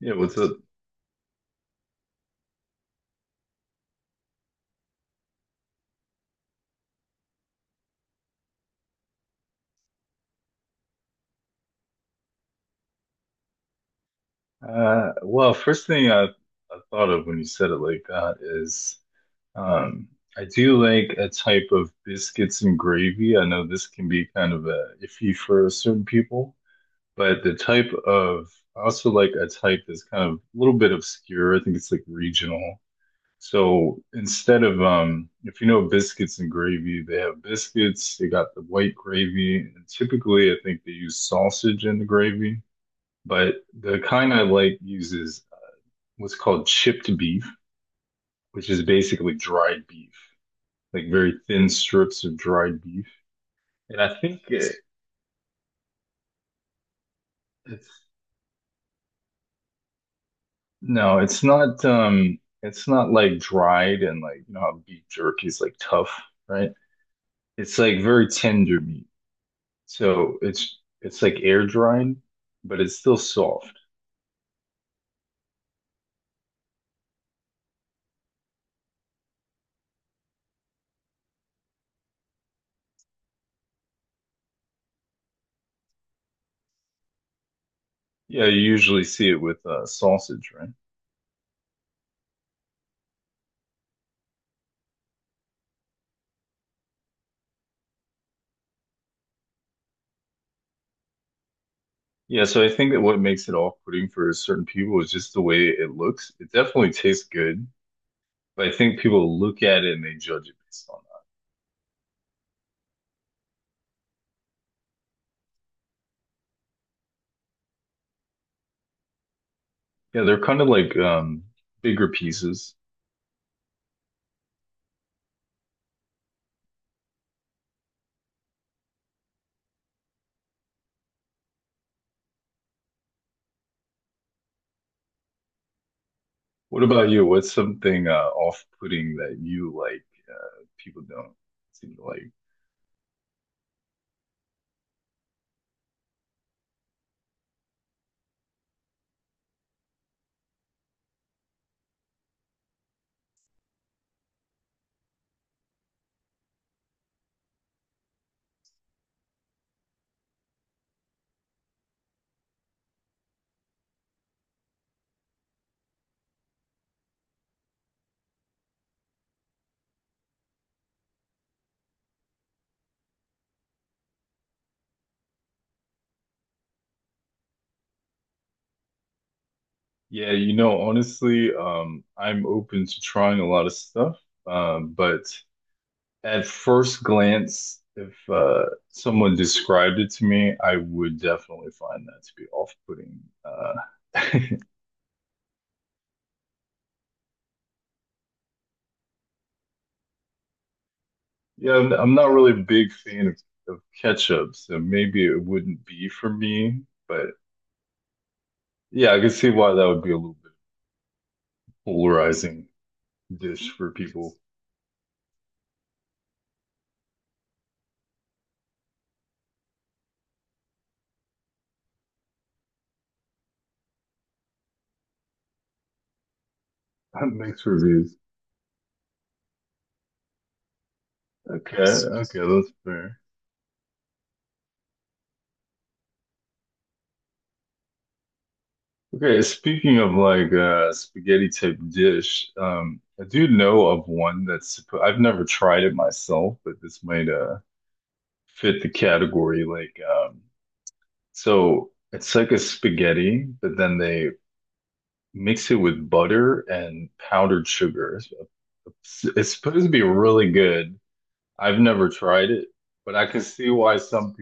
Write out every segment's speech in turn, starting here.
Yeah, what's it? Well, first thing I thought of when you said it like that is um, I do like a type of biscuits and gravy. I know this can be kind of a iffy for certain people, but the type of I also like a type that's kind of a little bit obscure. I think it's like regional. So instead of if you know biscuits and gravy, they have biscuits. They got the white gravy, and typically I think they use sausage in the gravy. But the kind I like uses what's called chipped beef, which is basically dried beef, like very thin strips of dried beef. And I think it, it's no, it's not like dried and like you know how beef jerky is like tough, right? It's like very tender meat. So it's like air dried, but it's still soft. Yeah, you usually see it with sausage, right? Yeah, so I think that what makes it off-putting for certain people is just the way it looks. It definitely tastes good, but I think people look at it and they judge it based on that. Yeah, they're kind of like bigger pieces. What about you? What's something off-putting that you like people don't seem to like? Yeah, you know, honestly, I'm open to trying a lot of stuff, but at first glance, if someone described it to me, I would definitely find that to be off-putting. Yeah, I'm not really a big fan of ketchup, so maybe it wouldn't be for me. But yeah, I could see why that would be a little bit polarizing dish for people. Mixed reviews. Okay, okay, that's fair. Okay, speaking of like spaghetti type dish, I do know of one that's I've never tried it myself, but this might fit the category like so it's like a spaghetti, but then they mix it with butter and powdered sugar. It's supposed to be really good. I've never tried it, but I can see why some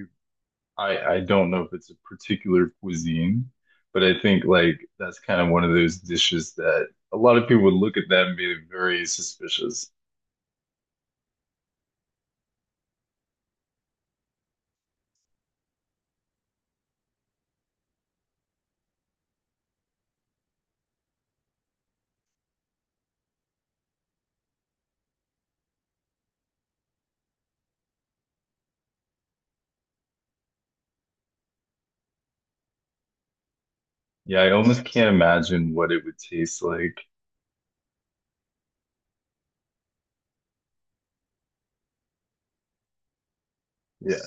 I don't know if it's a particular cuisine, but I think like that's kind of one of those dishes that a lot of people would look at that and be very suspicious. Yeah, I almost can't imagine what it would taste like. Yeah,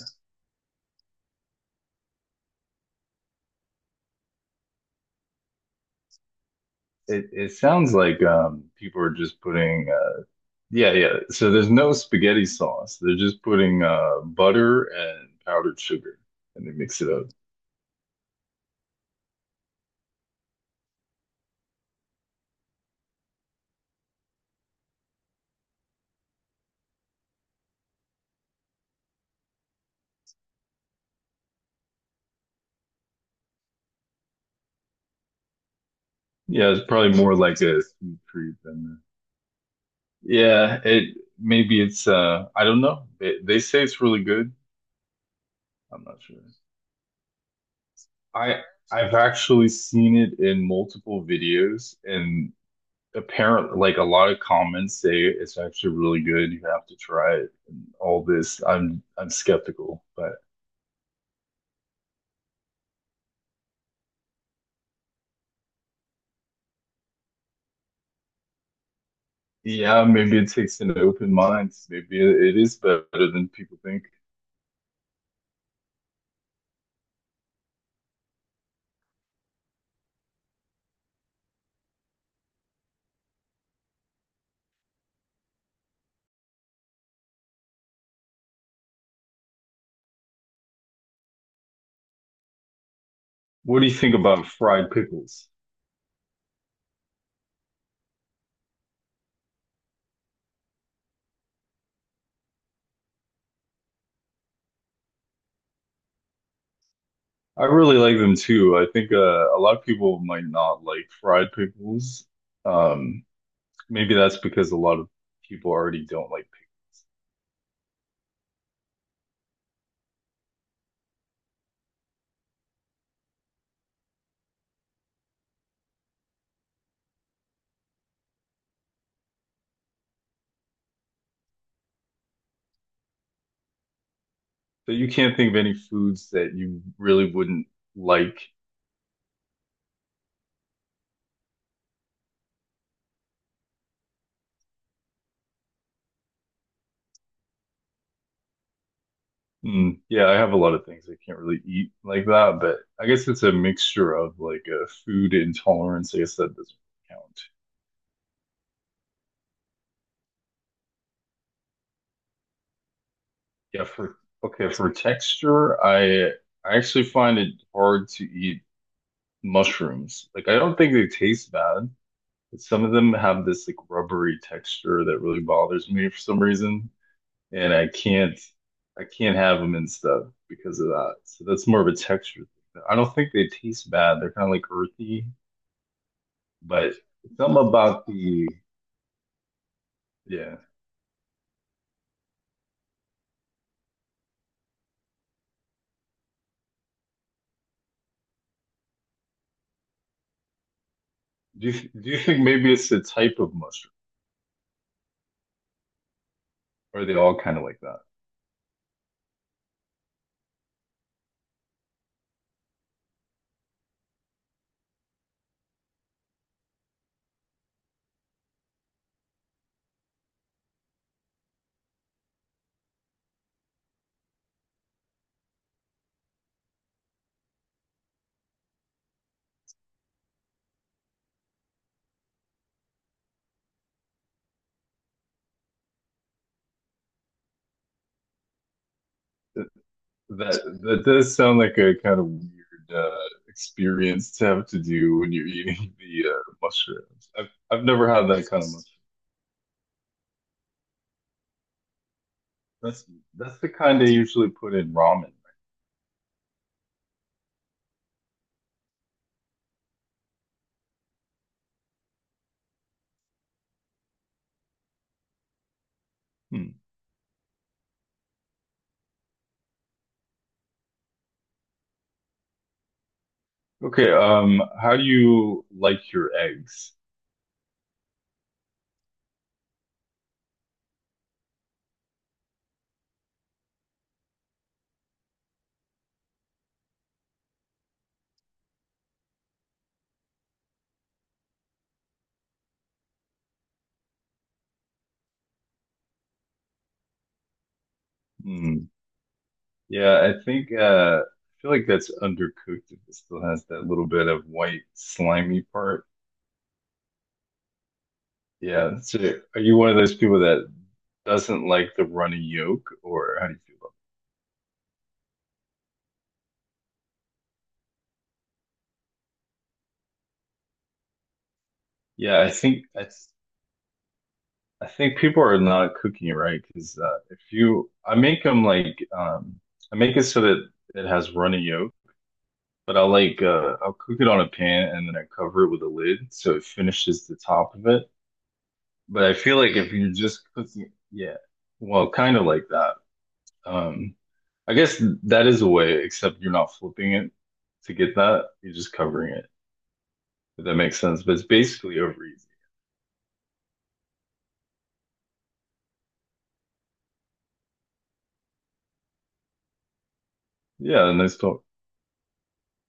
it sounds like people are just putting yeah yeah. So there's no spaghetti sauce. They're just putting butter and powdered sugar and they mix it up. Yeah, it's probably more like a sweet treat than. Yeah, it maybe it's I don't know. They say it's really good. I'm not sure. I I've actually seen it in multiple videos and apparently like a lot of comments say it's actually really good. You have to try it and all this. I'm skeptical, but yeah, maybe it takes an open mind. Maybe it is better than people think. What do you think about fried pickles? I really like them too. I think a lot of people might not like fried pickles. Um, maybe that's because a lot of people already don't like pickles. But you can't think of any foods that you really wouldn't like. Mm, yeah, I have a lot of things I can't really eat like that, but I guess it's a mixture of like a food intolerance. I guess that doesn't count. Yeah, for okay, for texture, I actually find it hard to eat mushrooms. Like I don't think they taste bad. Some of them have this like rubbery texture that really bothers me for some reason, and I can't have them and stuff because of that. So that's more of a texture thing. I don't think they taste bad. They're kind of like earthy, but something about the yeah. Do you think maybe it's the type of mushroom? Or are they all kind of like that? That that does sound like a kind of weird experience to have to do when you're eating the mushrooms. I've never had that kind of mushroom. That's that's the kind they usually put in ramen. Hmm. Okay, how do you like your eggs? Hmm. Yeah, I think I feel like that's undercooked if it still has that little bit of white slimy part. Yeah, that's it. Are you one of those people that doesn't like the runny yolk, or how do you feel about it? Yeah, I think people are not cooking it right because if you, I make them like I make it so that it has runny yolk. But I'll like I'll cook it on a pan and then I cover it with a lid so it finishes the top of it. But I feel like if you're just cooking, yeah, well, kind of like that. Um, I guess that is a way, except you're not flipping it to get that. You're just covering it, if that makes sense. But it's basically over easy. Yeah, nice talk.